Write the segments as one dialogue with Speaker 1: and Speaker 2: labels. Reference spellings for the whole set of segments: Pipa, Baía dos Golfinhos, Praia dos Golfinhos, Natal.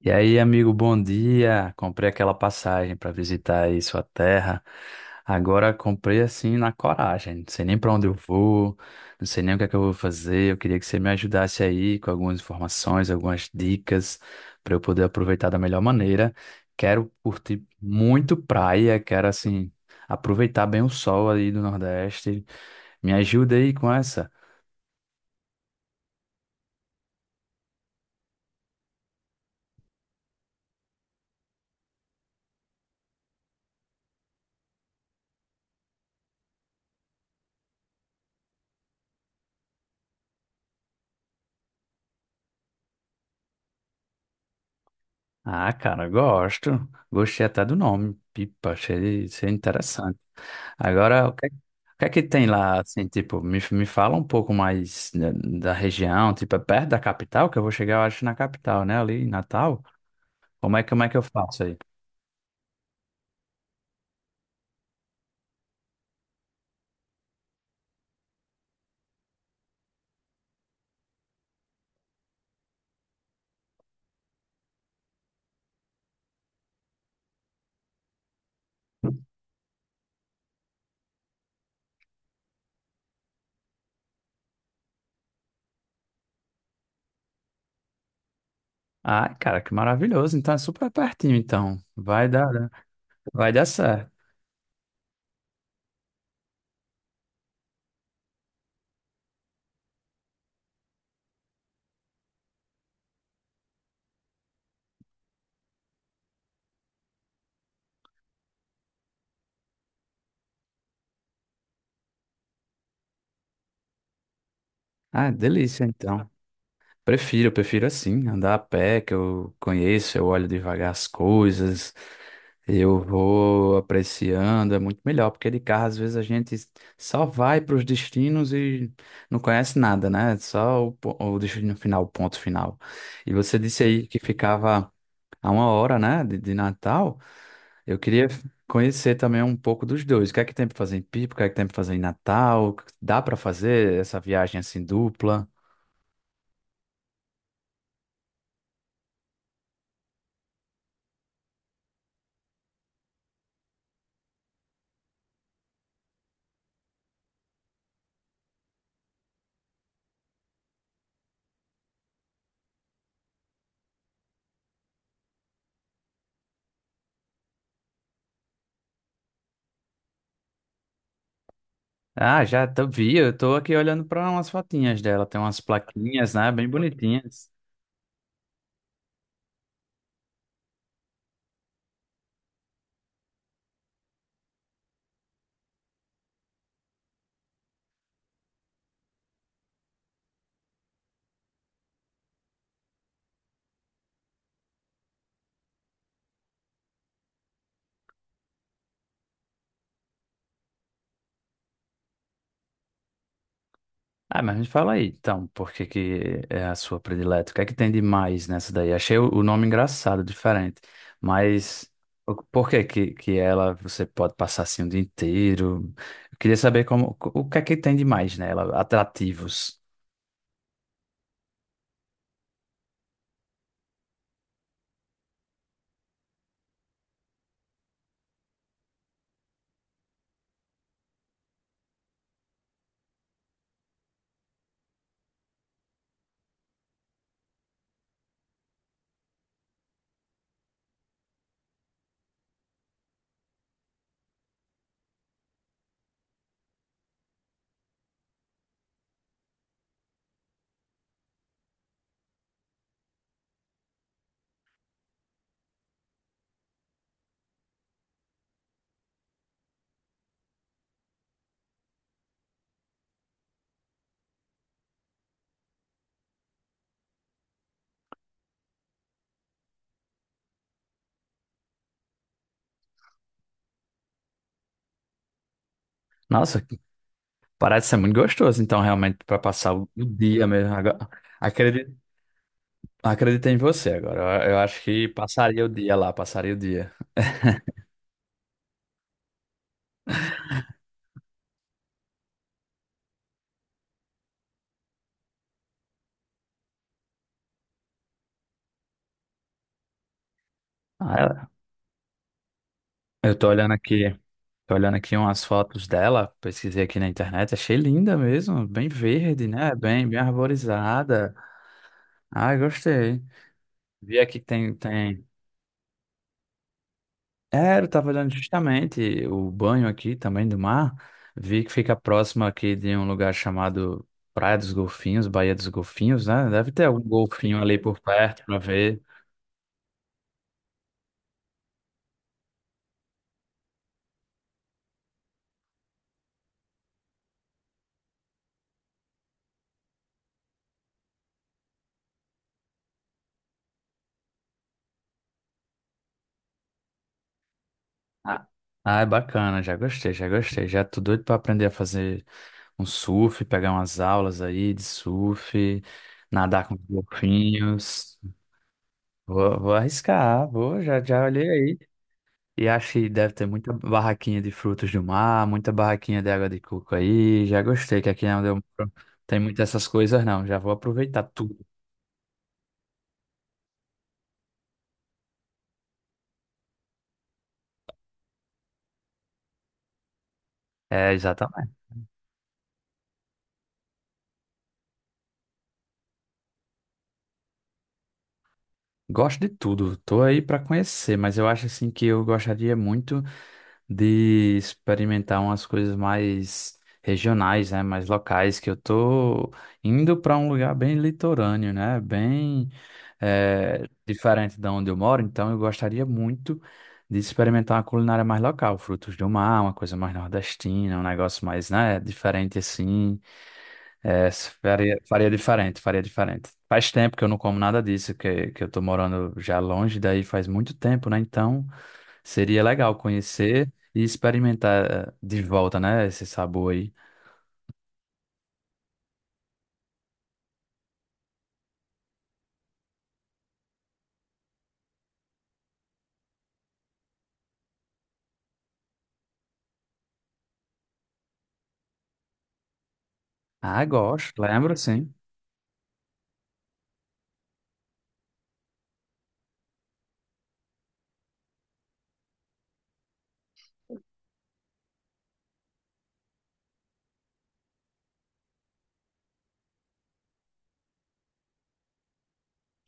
Speaker 1: E aí, amigo, bom dia. Comprei aquela passagem para visitar aí sua terra. Agora comprei assim na coragem. Não sei nem para onde eu vou, não sei nem o que é que eu vou fazer. Eu queria que você me ajudasse aí com algumas informações, algumas dicas para eu poder aproveitar da melhor maneira. Quero curtir muito praia, quero assim aproveitar bem o sol aí do Nordeste. Me ajuda aí com essa. Ah, cara, gosto. Gostei até do nome. Pipa, achei interessante. Agora, o que é que tem lá, assim, tipo, me fala um pouco mais da, da região, tipo, é perto da capital, que eu vou chegar, eu acho, na capital, né, ali em Natal. Como é, como é que eu faço aí? Ah, cara, que maravilhoso, então é super pertinho, então, vai dar, né? Vai dar certo. Ah, delícia, então. Prefiro, eu prefiro assim, andar a pé, que eu conheço, eu olho devagar as coisas, eu vou apreciando, é muito melhor, porque de carro às vezes a gente só vai para os destinos e não conhece nada, né? Só o, o destino final, o ponto final. E você disse aí que ficava a uma hora, né, de Natal, eu queria conhecer também um pouco dos dois. O que é que tem para fazer em Pipa, o que é que tem para fazer em Natal? Dá para fazer essa viagem assim dupla? Ah, já tô, vi, eu tô aqui olhando para umas fotinhas dela, tem umas plaquinhas, né, bem bonitinhas. Ah, mas me fala aí, então, por que que é a sua predileta? O que é que tem de mais nessa daí? Achei o nome engraçado, diferente, mas por que que ela, você pode passar assim o dia inteiro? Eu queria saber como, o que é que tem de mais nela, atrativos. Nossa, parece ser muito gostoso, então, realmente, para passar o dia mesmo. Agora, acredito em você agora. Eu acho que passaria o dia lá, passaria o dia. Ah, eu tô olhando aqui umas fotos dela, pesquisei aqui na internet, achei linda mesmo, bem verde, né? Bem, bem arborizada. Ah, gostei. Vi aqui que tem, tem. É, eu tava olhando justamente o banho aqui também do mar. Vi que fica próximo aqui de um lugar chamado Praia dos Golfinhos, Baía dos Golfinhos, né? Deve ter algum golfinho ali por perto pra ver. Ah, ah, é bacana, já gostei, já gostei. Já tô doido pra aprender a fazer um surf, pegar umas aulas aí de surf, nadar com golfinhos. Vou, vou arriscar, vou, já, já olhei aí. E acho que deve ter muita barraquinha de frutos do mar, muita barraquinha de água de coco aí. Já gostei, que aqui é onde eu moro tem muitas essas coisas, não. Já vou aproveitar tudo. É, exatamente. Gosto de tudo, tô aí pra conhecer, mas eu acho assim que eu gostaria muito de experimentar umas coisas mais regionais, né, mais locais, que eu tô indo para um lugar bem litorâneo, né, bem diferente da onde eu moro, então eu gostaria muito de experimentar uma culinária mais local, frutos do mar, uma coisa mais nordestina, um negócio mais, né, diferente assim, eh, faria, faria diferente, faria diferente. Faz tempo que eu não como nada disso, que eu tô morando já longe daí faz muito tempo, né, então... Seria legal conhecer e experimentar de volta, né? Esse sabor aí. Ah, gosto, lembro sim.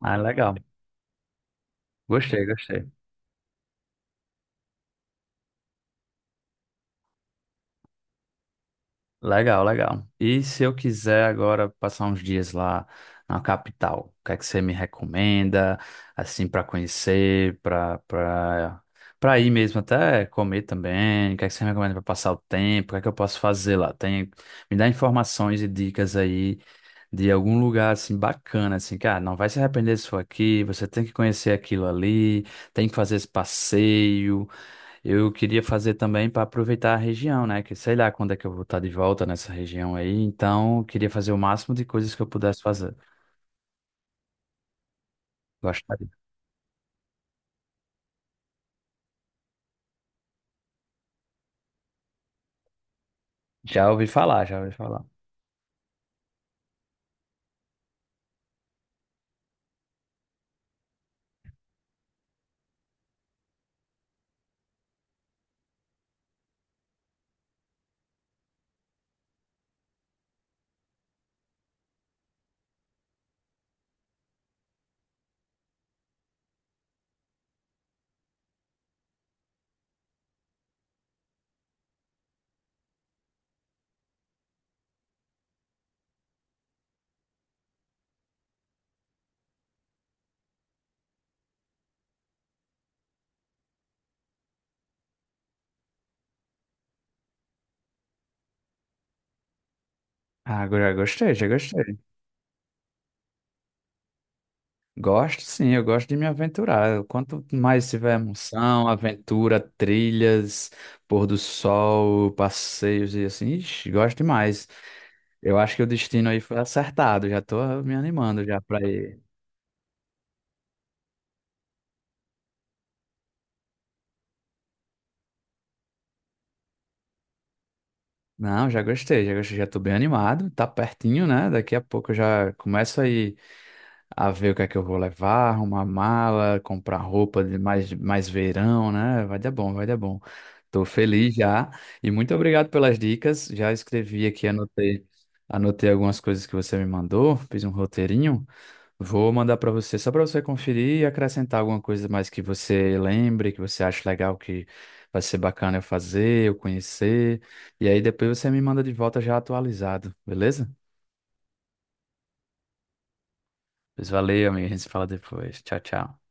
Speaker 1: Ah, legal. Gostei, gostei. Legal, legal. E se eu quiser agora passar uns dias lá na capital, o que é que você me recomenda, assim, para conhecer, para para ir mesmo até comer também? O que é que você me recomenda para passar o tempo? O que é que eu posso fazer lá? Tem, me dá informações e dicas aí de algum lugar assim bacana, assim, cara, não vai se arrepender se for aqui, você tem que conhecer aquilo ali, tem que fazer esse passeio. Eu queria fazer também para aproveitar a região, né? Que sei lá quando é que eu vou estar de volta nessa região aí, então eu queria fazer o máximo de coisas que eu pudesse fazer. Gostaria. Já ouvi falar, já ouvi falar. Ah, já gostei, já gostei. Gosto sim, eu gosto de me aventurar. Quanto mais tiver emoção, aventura, trilhas, pôr do sol, passeios e assim, ixi, gosto demais. Eu acho que o destino aí foi acertado. Já tô me animando já pra ir. Não, já gostei, já gostei, já tô bem animado. Tá pertinho, né? Daqui a pouco eu já começo aí a ver o que é que eu vou levar, arrumar mala, comprar roupa de mais, mais verão, né? Vai dar bom, vai dar bom. Tô feliz já. E muito obrigado pelas dicas. Já escrevi aqui, anotei, anotei algumas coisas que você me mandou, fiz um roteirinho. Vou mandar para você só para você conferir e acrescentar alguma coisa mais que você lembre, que você acha legal, que vai ser bacana eu fazer, eu conhecer. E aí depois você me manda de volta já atualizado, beleza? Pois valeu, amigo. A gente se fala depois. Tchau, tchau.